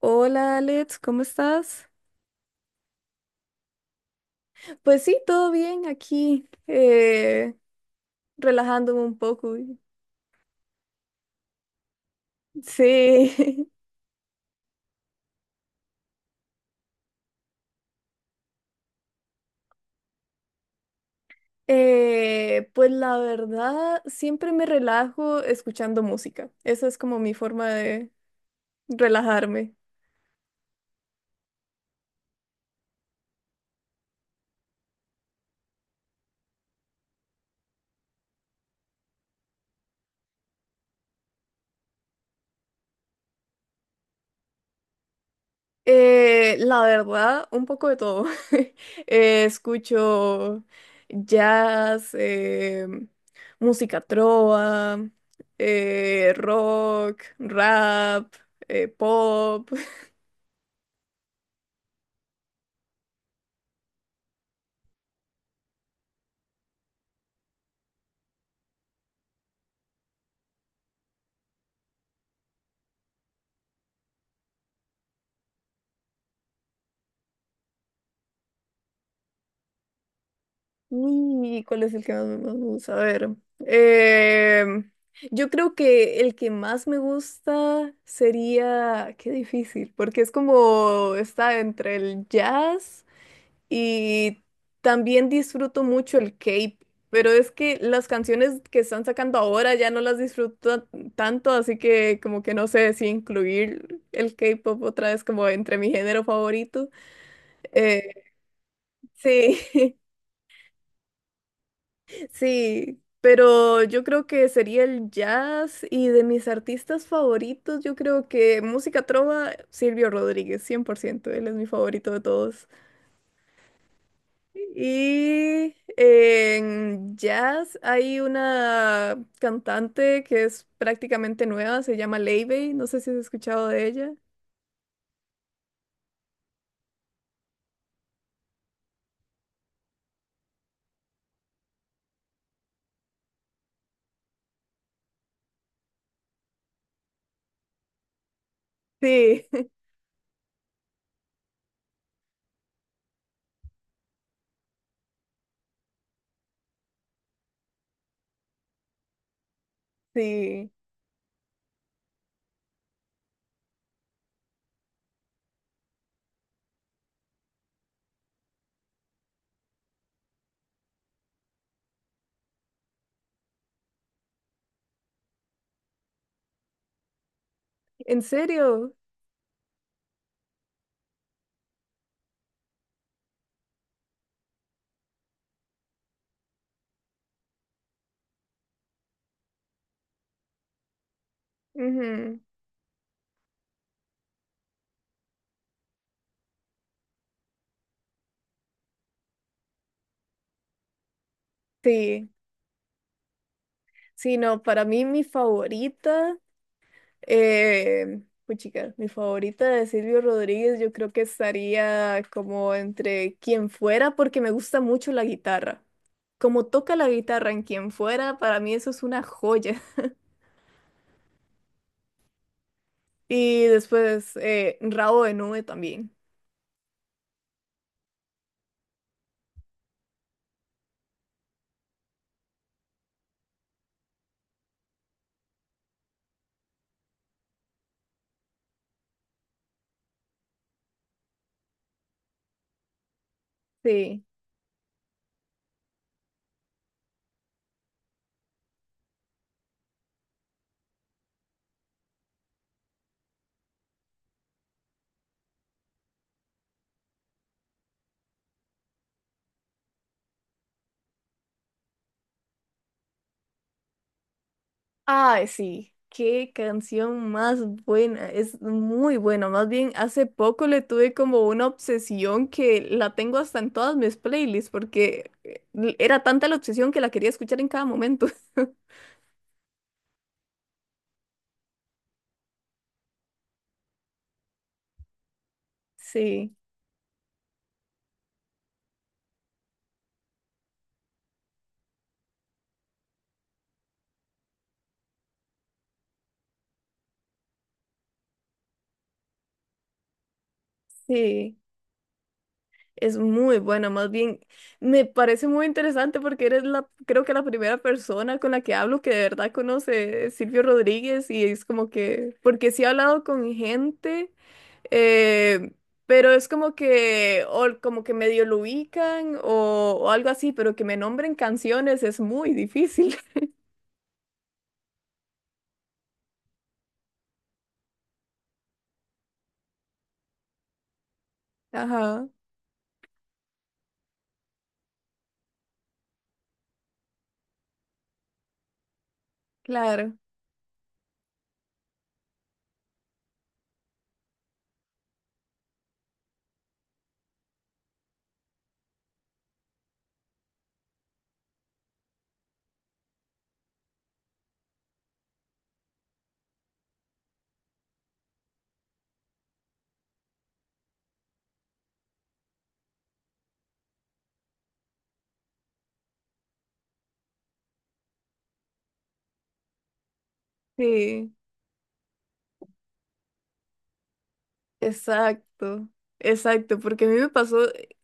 Hola Alex, ¿cómo estás? Pues sí, todo bien aquí, relajándome un poco. Sí. Pues la verdad, siempre me relajo escuchando música. Esa es como mi forma de relajarme. La verdad, un poco de todo. Escucho jazz, música trova, rock, rap, pop. ¿Y cuál es el que más me gusta? A ver. em, yo creo que el que más me gusta sería... Qué difícil, porque es como está entre el jazz. Y también disfruto mucho el K-pop, pero es que las canciones que están sacando ahora ya no las disfruto tanto, así que como que no sé si incluir el K-pop otra vez como entre mi género favorito. Eh, sí. Sí, pero yo creo que sería el jazz, y de mis artistas favoritos, yo creo que música trova, Silvio Rodríguez, 100% él es mi favorito de todos. Y en jazz hay una cantante que es prácticamente nueva, se llama Leibey, no sé si has escuchado de ella. Sí. Sí, ¿en serio? Ujú. Sí, sí, no, para mí mi favorita, puchica, mi favorita de Silvio Rodríguez yo creo que estaría como entre Quien Fuera, porque me gusta mucho la guitarra. Como toca la guitarra en Quien Fuera, para mí eso es una joya. Y después, Rabo de Nube también. Sí. Ay, sí. Qué canción más buena. Es muy buena. Más bien, hace poco le tuve como una obsesión que la tengo hasta en todas mis playlists, porque era tanta la obsesión que la quería escuchar en cada momento. Sí, sí. Es muy buena. Más bien me parece muy interesante porque eres la, creo que la primera persona con la que hablo que de verdad conoce Silvio Rodríguez, y es como que, porque sí he hablado con gente, eh, pero es como que, o como que medio lo ubican o algo así, pero que me nombren canciones es muy difícil. Ajá, claro, sí. Exacto, exacto, porque a mí me pasó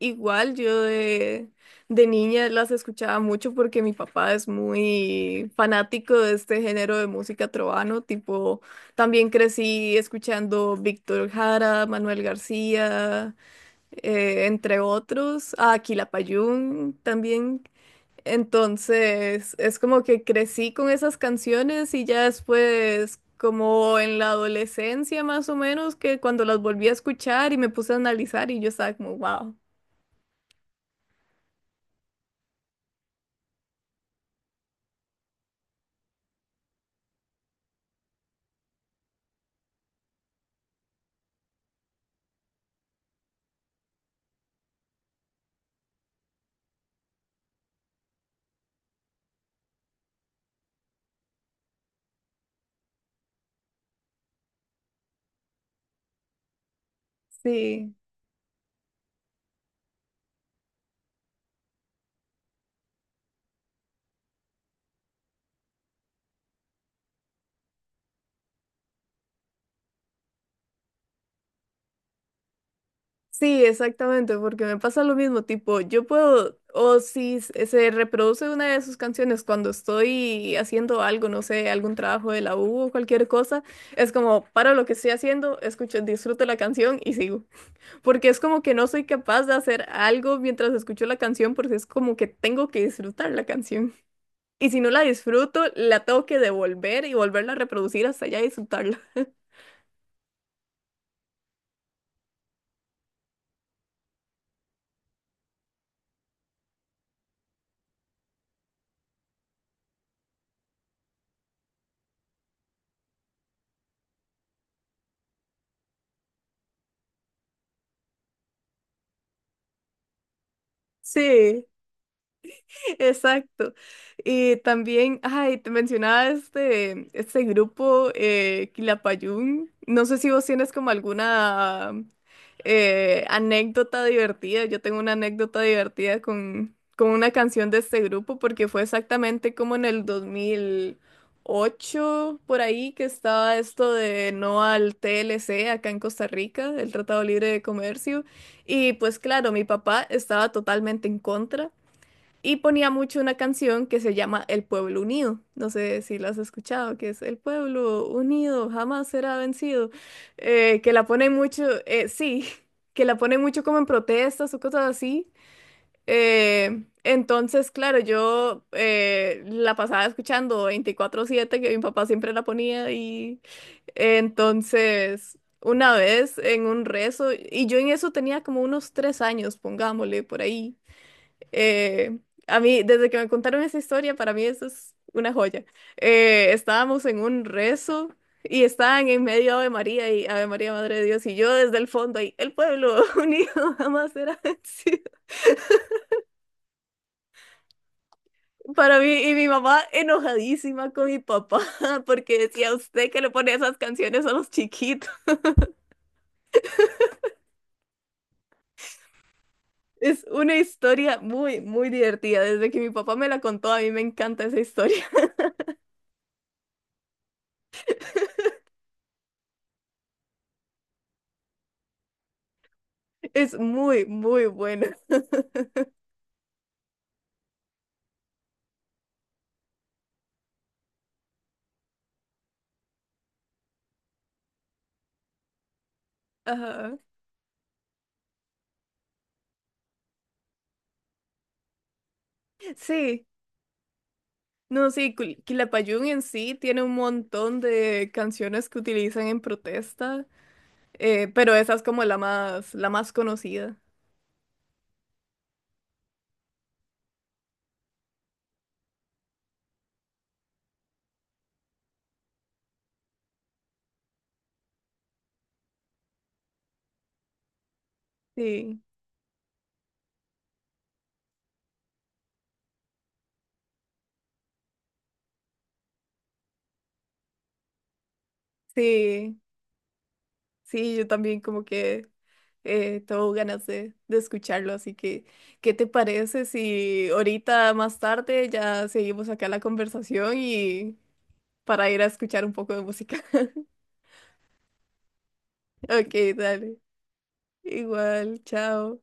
igual, yo de niña las escuchaba mucho porque mi papá es muy fanático de este género de música trovano, tipo, también crecí escuchando Víctor Jara, Manuel García, entre otros, a Quilapayún también. Entonces, es como que crecí con esas canciones, y ya después, como en la adolescencia más o menos, que cuando las volví a escuchar y me puse a analizar, y yo estaba como, wow. Sí, sí, exactamente, porque me pasa lo mismo. Tipo, yo puedo, o si se reproduce una de sus canciones cuando estoy haciendo algo, no sé, algún trabajo de la U o cualquier cosa, es como, paro lo que estoy haciendo, escucho, disfruto la canción y sigo. Porque es como que no soy capaz de hacer algo mientras escucho la canción, porque es como que tengo que disfrutar la canción. Y si no la disfruto, la tengo que devolver y volverla a reproducir hasta ya disfrutarla. Sí. Exacto. Y también, ay, te mencionaba este, este grupo, Quilapayún. No sé si vos tienes como alguna anécdota divertida. Yo tengo una anécdota divertida con una canción de este grupo, porque fue exactamente como en el 2008, por ahí, que estaba esto de no al TLC acá en Costa Rica, el Tratado Libre de Comercio. Y pues claro, mi papá estaba totalmente en contra. Y ponía mucho una canción que se llama El Pueblo Unido. No sé si la has escuchado, que es El Pueblo Unido jamás será vencido. Que la ponen mucho, sí, que la ponen mucho como en protestas o cosas así. Entonces, claro, yo la pasaba escuchando 24/7, que mi papá siempre la ponía. Y entonces, una vez en un rezo, y yo en eso tenía como unos 3 años, pongámosle por ahí. Eh, a mí, desde que me contaron esa historia, para mí eso es una joya. Estábamos en un rezo y estaban en medio Ave María y Ave María, Madre de Dios, y yo desde el fondo ahí, el pueblo unido jamás será vencido. Para mí, y mi mamá enojadísima con mi papá, porque decía usted que le pone esas canciones a los chiquitos. Es una historia muy, muy divertida. Desde que mi papá me la contó, a mí me encanta esa historia. Es muy, muy buena. Ajá. Sí, no, sí, Quilapayún en sí tiene un montón de canciones que utilizan en protesta, pero esa es como la más conocida. Sí, sí, sí, yo también como que tengo ganas de escucharlo, así que, ¿qué te parece si ahorita más tarde ya seguimos acá la conversación y para ir a escuchar un poco de música? Ok, dale, igual, chao.